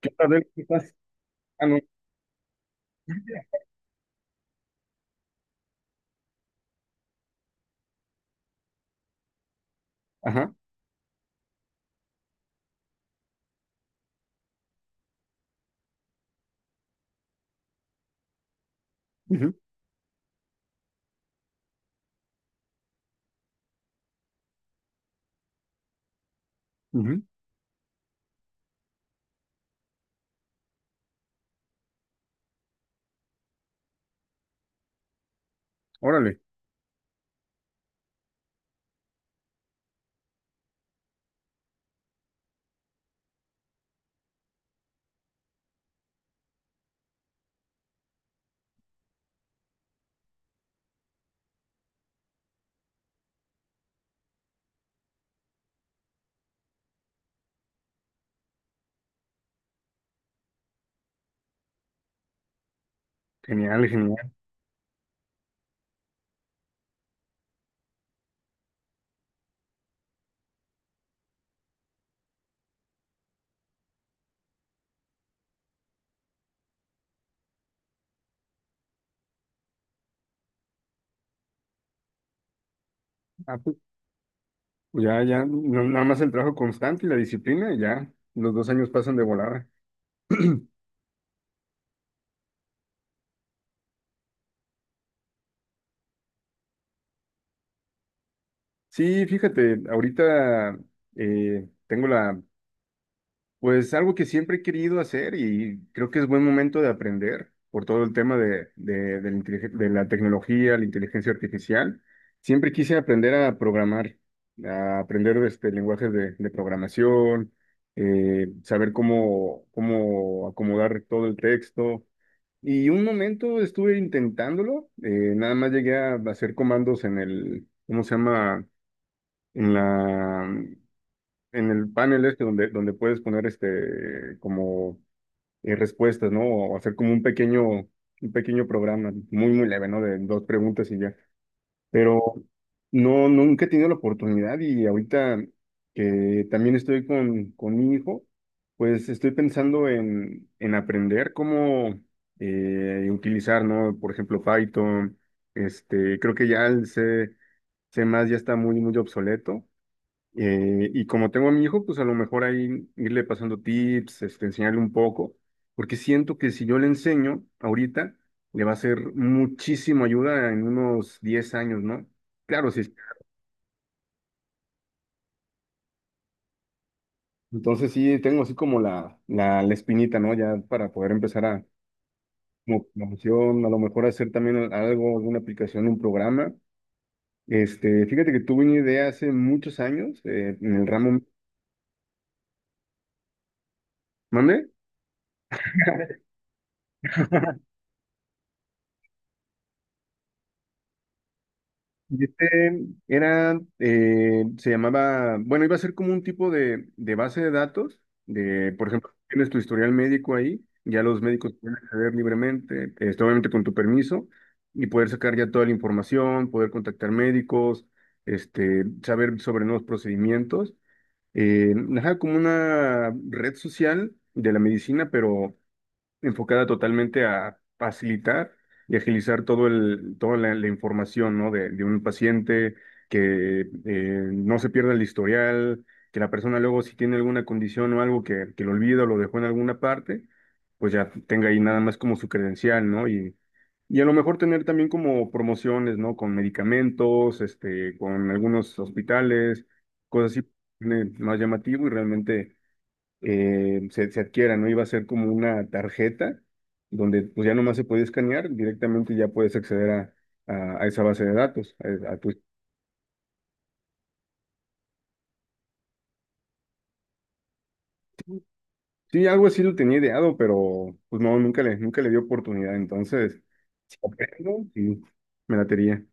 ¿Qué tal, Adel? ¿Cómo estás? Ah, no. Ajá. Ujú, ujú. Órale. Genial, genial. Ah, pues, ya, ya, nada más el trabajo constante y la disciplina, y ya, los 2 años pasan de volada. Sí, fíjate, ahorita. Tengo la Pues algo que siempre he querido hacer y creo que es buen momento de aprender por todo el tema de la tecnología, la inteligencia artificial. Siempre quise aprender a programar, a aprender este, lenguajes de programación, saber cómo acomodar todo el texto. Y un momento estuve intentándolo, nada más llegué a hacer comandos en el, ¿cómo se llama? En la en el panel este donde, puedes poner este como respuestas, ¿no? O hacer como un pequeño, programa, muy, muy leve, ¿no? De dos preguntas y ya. Pero no, nunca he tenido la oportunidad y ahorita que también estoy con mi hijo, pues estoy pensando en aprender cómo utilizar, ¿no? Por ejemplo, Python, este, creo que ya el C, C++ ya está muy, muy obsoleto y como tengo a mi hijo, pues a lo mejor ahí irle pasando tips, este, enseñarle un poco, porque siento que si yo le enseño ahorita, le va a ser muchísimo ayuda en unos 10 años, ¿no? Claro, sí. Entonces sí, tengo así como la espinita, ¿no? Ya para poder empezar a, como promoción, a lo mejor hacer también algo, alguna aplicación, un programa. Este, fíjate que tuve una idea hace muchos años, en el ramo. ¿Mande? Y este era, se llamaba, bueno, iba a ser como un tipo de base de datos. De, por ejemplo, tienes tu historial médico ahí, ya los médicos pueden acceder libremente, este, obviamente con tu permiso, y poder sacar ya toda la información, poder contactar médicos, este, saber sobre nuevos procedimientos. Ajá, como una red social de la medicina, pero enfocada totalmente a facilitar y agilizar todo el, toda la información, ¿no? de un paciente, que no se pierda el historial, que la persona luego si tiene alguna condición o algo que lo olvida o lo dejó en alguna parte, pues ya tenga ahí nada más como su credencial, ¿no? Y a lo mejor tener también como promociones, ¿no? Con medicamentos, este, con algunos hospitales, cosas así, más llamativo y realmente se adquiera, ¿no? Iba a ser como una tarjeta donde pues ya nomás se podía escanear, directamente ya puedes acceder a esa base de datos. Sí, algo así lo tenía ideado, pero pues no, nunca le, di oportunidad. Entonces, si aprendo, sí, me la tenía.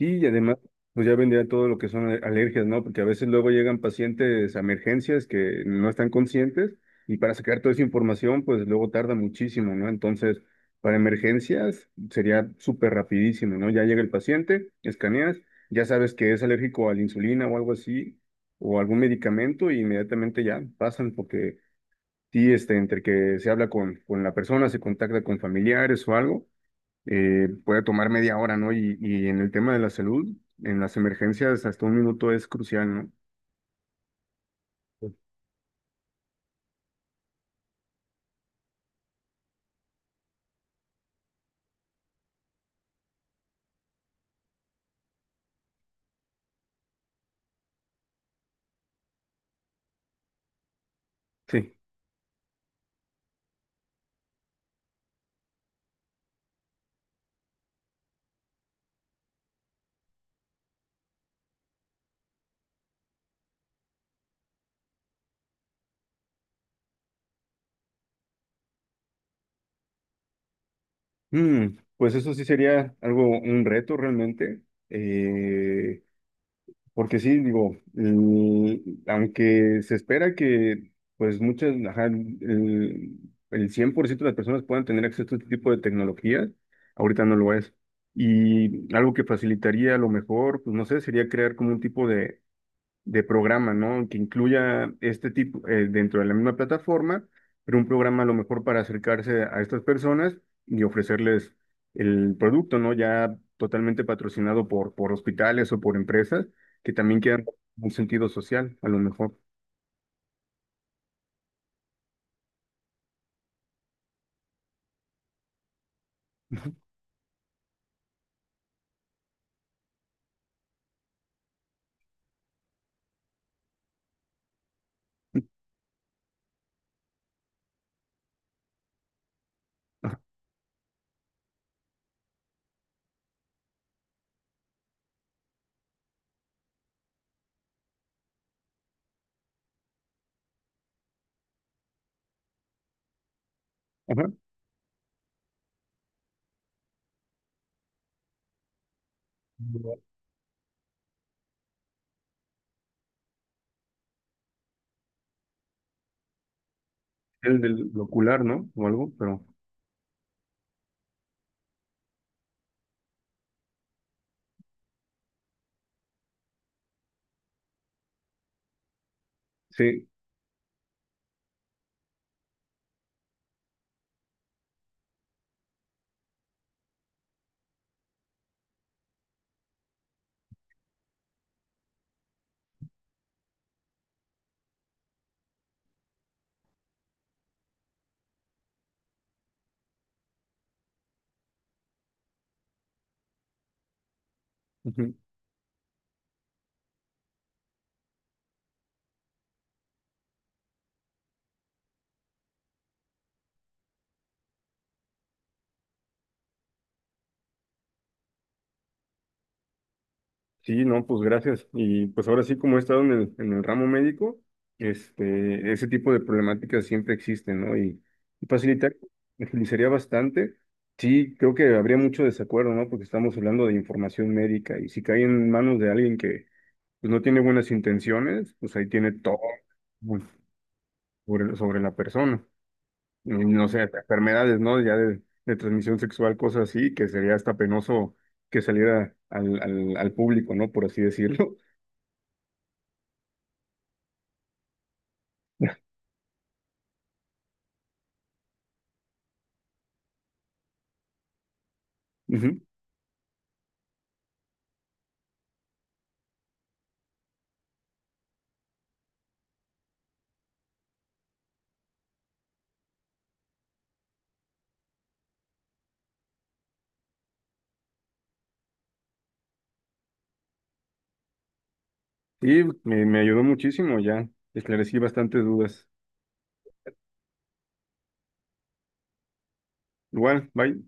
Y además, pues ya vendría todo lo que son alergias, ¿no? Porque a veces luego llegan pacientes a emergencias que no están conscientes y para sacar toda esa información, pues luego tarda muchísimo, ¿no? Entonces, para emergencias sería súper rapidísimo, ¿no? Ya llega el paciente, escaneas, ya sabes que es alérgico a la insulina o algo así, o algún medicamento, y inmediatamente ya pasan porque sí, este, entre que se habla con la persona, se contacta con familiares o algo puede tomar media hora, ¿no? Y en el tema de la salud, en las emergencias, hasta un minuto es crucial, ¿no? Sí. Pues eso sí sería algo, un reto realmente, eh, porque sí, digo, aunque se espera que, pues muchas, ajá, el 100% de las personas puedan tener acceso a este tipo de tecnología, ahorita no lo es. Y algo que facilitaría a lo mejor, pues no sé, sería crear como un tipo de programa, ¿no? Que incluya este tipo dentro de la misma plataforma, pero un programa a lo mejor para acercarse a estas personas y ofrecerles el producto, ¿no? Ya totalmente patrocinado por hospitales o por empresas que también quieran un sentido social, a lo mejor. Ajá. El del ocular, ¿no? O algo, pero sí. Sí, no, pues gracias. Y pues ahora sí, como he estado en el ramo médico, este, ese tipo de problemáticas siempre existen, ¿no? Y facilitar, me facilitaría bastante. Sí, creo que habría mucho desacuerdo, ¿no? Porque estamos hablando de información médica y si cae en manos de alguien que pues, no tiene buenas intenciones, pues ahí tiene todo pues, sobre la persona. Y no sé, hasta enfermedades, ¿no? Ya de transmisión sexual, cosas así, que sería hasta penoso que saliera al público, ¿no? Por así decirlo. Ujú. Y me ayudó muchísimo ya. Esclarecí bastantes dudas. Igual, bye.